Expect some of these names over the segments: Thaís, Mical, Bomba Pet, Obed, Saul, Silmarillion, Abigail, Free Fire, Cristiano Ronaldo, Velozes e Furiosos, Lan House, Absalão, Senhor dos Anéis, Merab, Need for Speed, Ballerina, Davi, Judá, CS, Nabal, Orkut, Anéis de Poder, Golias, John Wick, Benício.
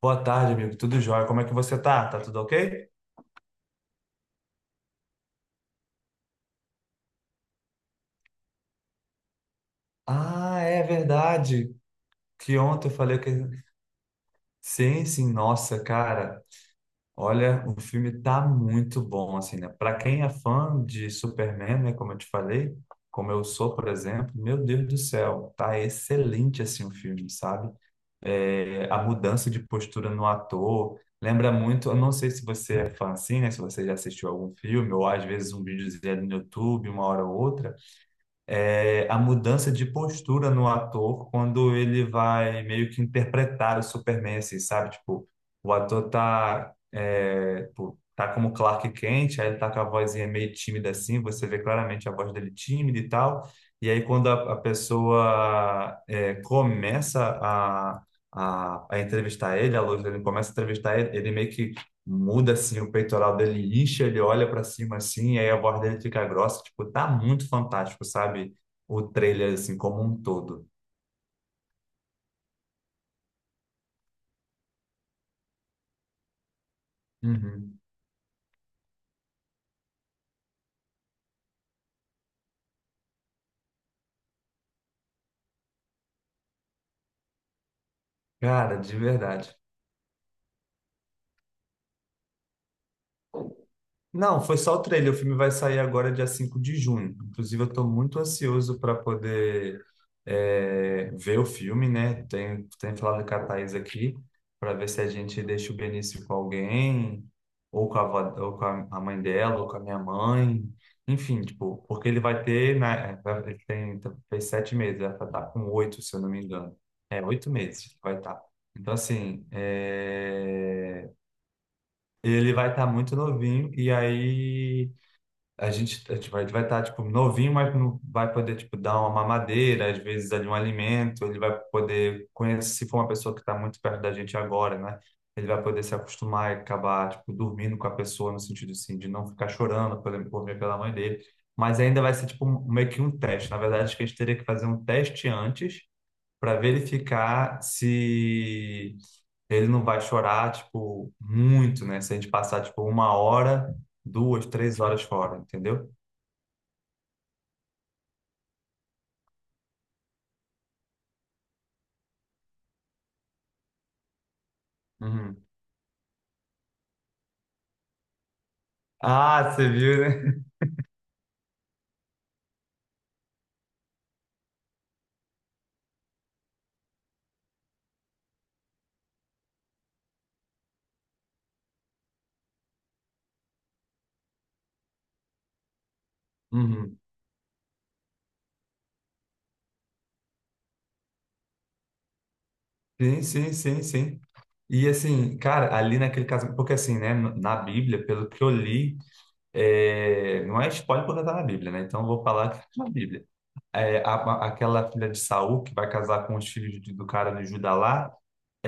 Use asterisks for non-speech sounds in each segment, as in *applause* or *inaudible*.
Boa tarde, amigo. Tudo jóia? Como é que você tá? Tá tudo ok? Ah, é verdade. Que ontem eu falei que. Sim, sim, nossa, cara. Olha, o filme tá muito bom, assim, né? Pra quem é fã de Superman, né? Como eu te falei, como eu sou, por exemplo, meu Deus do céu, tá excelente, assim, o filme, sabe? A mudança de postura no ator. Lembra muito, eu não sei se você é fã assim, né? Se você já assistiu algum filme, ou às vezes um videozinho no YouTube, uma hora ou outra a mudança de postura no ator quando ele vai meio que interpretar o Superman, assim, sabe? Tipo, o ator tá, tipo, tá como Clark Kent, aí ele tá com a vozinha meio tímida assim, você vê claramente a voz dele tímida e tal. E aí quando a pessoa começa a entrevistar ele, a luz dele começa a entrevistar ele, ele meio que muda assim o peitoral dele, incha, ele olha para cima assim, e aí a voz dele fica grossa, tipo, tá muito fantástico, sabe? O trailer assim como um todo. Uhum. Cara, de verdade. Não, foi só o trailer. O filme vai sair agora, dia 5 de junho. Inclusive, eu estou muito ansioso para poder ver o filme, né? Tem falado com a Thaís aqui, para ver se a gente deixa o Benício com alguém, ou ou com a mãe dela, ou com a minha mãe. Enfim, tipo, porque ele vai ter, né? Ele tem, fez 7 meses, vai estar com oito, se eu não me engano. 8 meses que vai estar. Então, assim, ele vai estar muito novinho, e aí a gente vai estar tipo novinho, mas não vai poder tipo dar uma mamadeira, às vezes ali um alimento, ele vai poder conhecer, se for uma pessoa que está muito perto da gente agora, né? Ele vai poder se acostumar e acabar tipo dormindo com a pessoa no sentido assim de não ficar chorando por exemplo, por ver pela mãe dele, mas ainda vai ser meio que um teste. Na verdade, acho que a gente teria que fazer um teste antes para verificar se ele não vai chorar tipo muito, né? Se a gente passar tipo uma hora duas, três horas fora, entendeu? Uhum. Ah, você viu, né? Uhum. Sim, sim, sim, sim. E assim, cara, ali naquele caso, porque assim, né, na Bíblia, pelo que eu li, não é spoiler porque tá na Bíblia, né? Então eu vou falar que tá na Bíblia. Aquela filha de Saul que vai casar com os filhos do cara do Judá lá,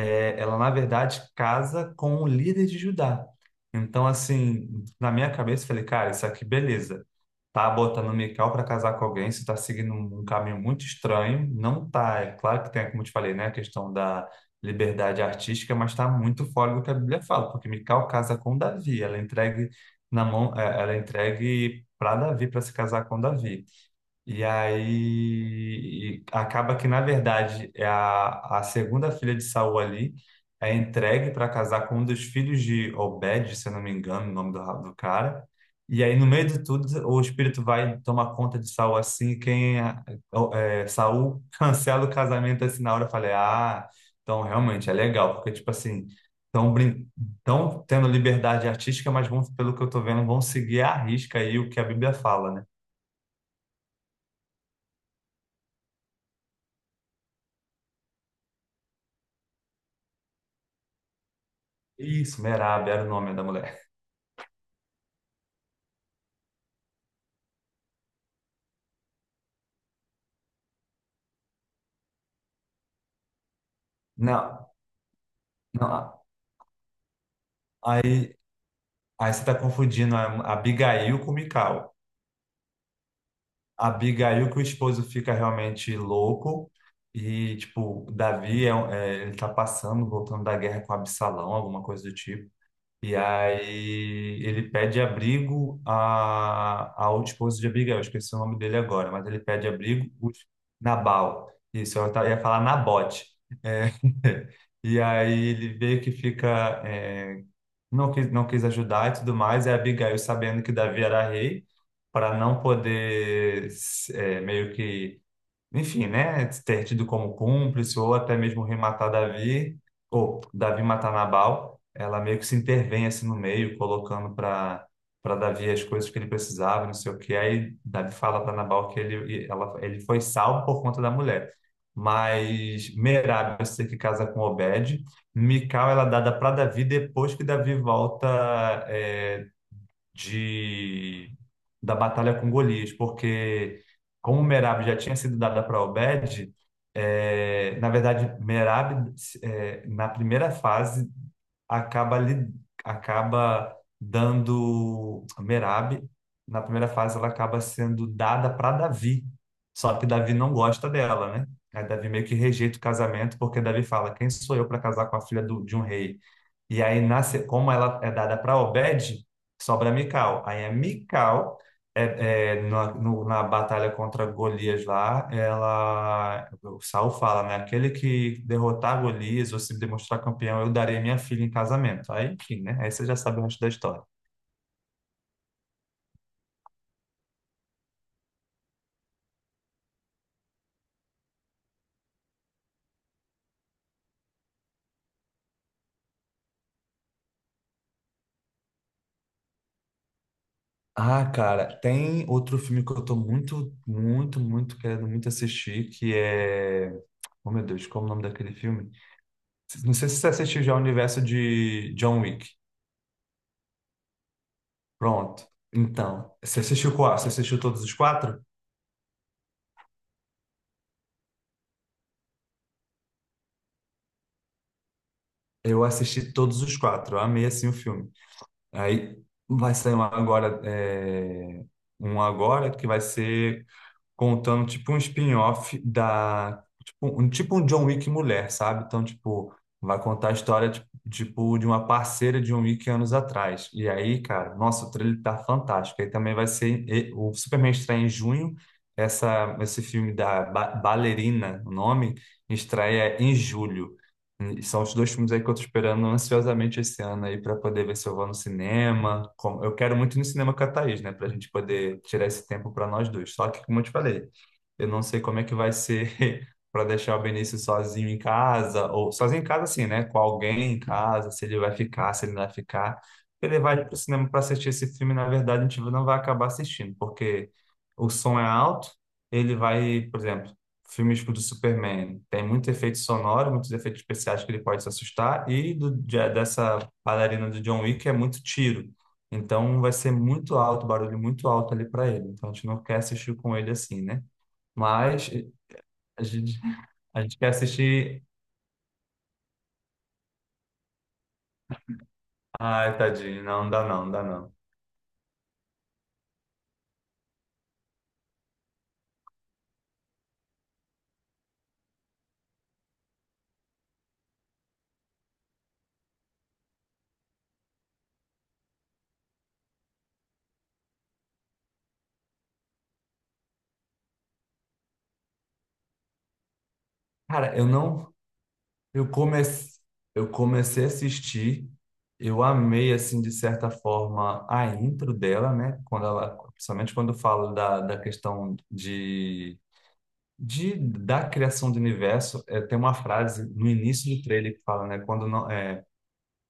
ela na verdade casa com o líder de Judá. Então, assim, na minha cabeça, eu falei, cara, isso aqui, beleza. Tá botando Mical para casar com alguém, você tá seguindo um caminho muito estranho. Não tá, é claro que tem, como eu te falei, né, a questão da liberdade artística, mas tá muito fora do que a Bíblia fala, porque Mical casa com Davi, ela é entregue na mão, ela é entregue para Davi para se casar com Davi. E aí e acaba que, na verdade, é a segunda filha de Saul ali é entregue para casar com um dos filhos de Obed, se eu não me engano, o nome do cara. E aí, no meio de tudo, o espírito vai tomar conta de Saul assim. Saul *laughs* cancela o casamento assim na hora. Eu falei, ah, então realmente é legal, porque, tipo assim, estão tão tendo liberdade artística, mas vão, pelo que eu tô vendo, vão seguir à risca aí o que a Bíblia fala, né? Isso, Merab era o nome da mulher. Não, não. Aí, aí, você está confundindo a Abigail com Mical. Abigail que o esposo fica realmente louco e, tipo, Davi ele tá passando, voltando da guerra com Absalão, alguma coisa do tipo. E aí ele pede abrigo ao esposo de Abigail, eu esqueci o nome dele agora, mas ele pede abrigo. Nabal. Isso, eu ia falar Nabote. É, *laughs* E aí ele vê que fica, não quis ajudar e tudo mais, e Abigail, sabendo que Davi era rei, para não poder meio que enfim, né, ter tido como cúmplice ou até mesmo rematar Davi, ou Davi matar Nabal, ela meio que se intervém assim no meio, colocando para Davi as coisas que ele precisava, não sei o quê. Aí Davi fala para Nabal que ele foi salvo por conta da mulher. Mas Merab, eu sei que casa com Obed. Mical, ela é dada para Davi depois que Davi volta eh, de da batalha com Golias, porque como Merab já tinha sido dada para Obed, na verdade Merab na primeira fase acaba lhe acaba dando Merab na primeira fase ela acaba sendo dada para Davi, só que Davi não gosta dela, né? Aí Davi meio que rejeita o casamento porque Davi fala, quem sou eu para casar com a filha de um rei? E aí, nasce, como ela é dada para Obed, sobra Mical. Aí a Mical, na, no- na batalha contra Golias lá, ela, o Saul fala, né? Aquele que derrotar Golias ou se demonstrar campeão, eu darei minha filha em casamento. Aí, enfim, né? Aí você já sabe o resto da história. Ah, cara, tem outro filme que eu tô muito, muito, muito querendo muito assistir, que é... Oh, meu Deus, qual é o nome daquele filme? Não sei se você assistiu já o universo de John Wick. Pronto. Então, você assistiu qual? Você assistiu todos os quatro? Eu assisti todos os quatro. Eu amei assim o filme. Aí vai sair um agora, um agora que vai ser contando tipo um spin-off da tipo um John Wick mulher, sabe? Então, tipo, vai contar a história tipo, de uma parceira de John Wick anos atrás. E aí, cara, nossa, o trailer tá fantástico. Aí também vai ser o Superman estreia em junho. Esse filme da Ballerina, o nome, estreia em julho. E são os dois filmes aí que eu tô esperando ansiosamente esse ano aí para poder ver se eu vou no cinema. Eu quero muito ir no cinema com a Thaís, né? Pra gente poder tirar esse tempo para nós dois. Só que, como eu te falei, eu não sei como é que vai ser *laughs* para deixar o Benício sozinho em casa, ou sozinho em casa assim, né? Com alguém em casa, se ele vai ficar, se ele não vai ficar. Ele vai pro cinema para assistir esse filme, na verdade, a gente não vai acabar assistindo, porque o som é alto. Ele vai, por exemplo, filmes do Superman tem muito efeito sonoro, muitos efeitos especiais que ele pode se assustar, e dessa bailarina do John Wick é muito tiro. Então vai ser muito alto, barulho muito alto ali para ele. Então a gente não quer assistir com ele assim, né? Mas a gente, a gente quer assistir. Ai, tadinho, não, não dá não, não dá não. Cara, eu não. Eu comecei, eu comecei a assistir, eu amei, assim, de certa forma, a intro dela, né? Quando ela, principalmente quando fala da questão da criação do universo, tem uma frase no início do trailer que fala, né? Quando, não, é,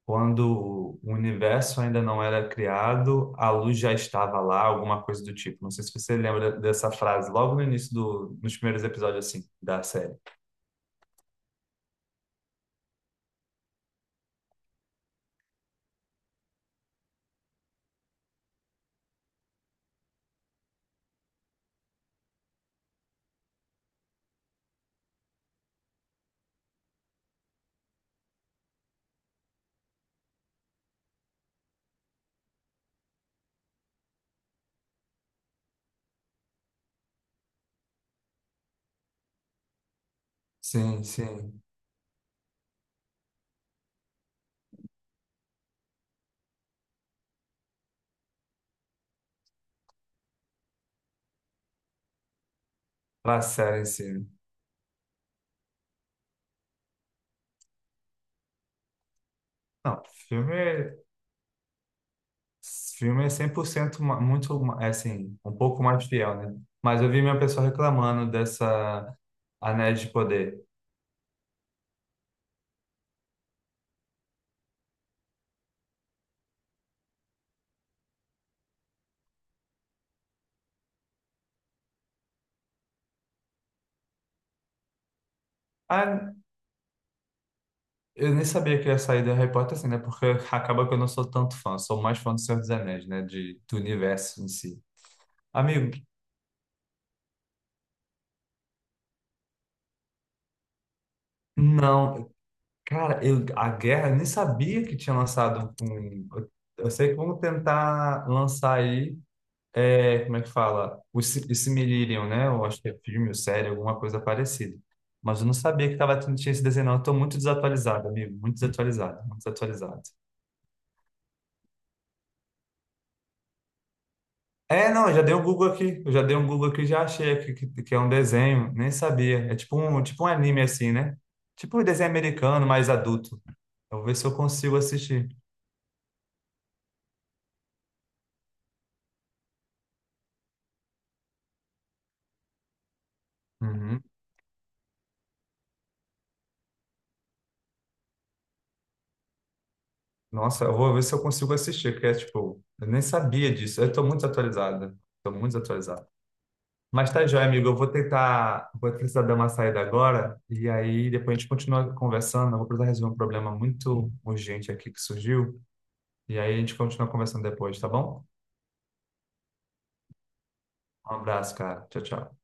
quando o universo ainda não era criado, a luz já estava lá, alguma coisa do tipo. Não sei se você lembra dessa frase, logo no início nos primeiros episódios, assim, da série. Sim, sim. Pra série, sim. Não, filme, filme é 100% muito, é assim, um pouco mais fiel, né? Mas eu vi minha pessoa reclamando dessa Anéis de Poder. Ah, eu nem sabia que ia sair da Harry Potter assim, né? Porque *laughs* acaba que eu não sou tanto fã, sou mais fã do Senhor dos Anéis, né? Do universo em si. Amigo, não, cara, eu nem sabia que tinha lançado um. Eu sei que vão tentar lançar aí. Como é que fala? Esse Silmarillion, né? Eu acho que é filme ou série, alguma coisa parecida. Mas eu não sabia que tinha esse desenho, não. Eu tô muito desatualizado, amigo. Muito desatualizado, muito desatualizado. Não, eu já dei um Google aqui. Eu já dei um Google aqui, e já achei aqui que é um desenho. Nem sabia. É tipo um anime assim, né? Tipo um desenho americano, mais adulto. Eu vou ver se eu consigo assistir. Uhum. Nossa, eu vou ver se eu consigo assistir, porque é tipo, eu nem sabia disso. Eu tô muito atualizado. Tô muito desatualizado. Mas tá joia, amigo. Eu vou tentar. Vou precisar dar uma saída agora. E aí depois a gente continua conversando. Eu vou precisar resolver um problema muito urgente aqui que surgiu. E aí a gente continua conversando depois, tá bom? Um abraço, cara. Tchau, tchau.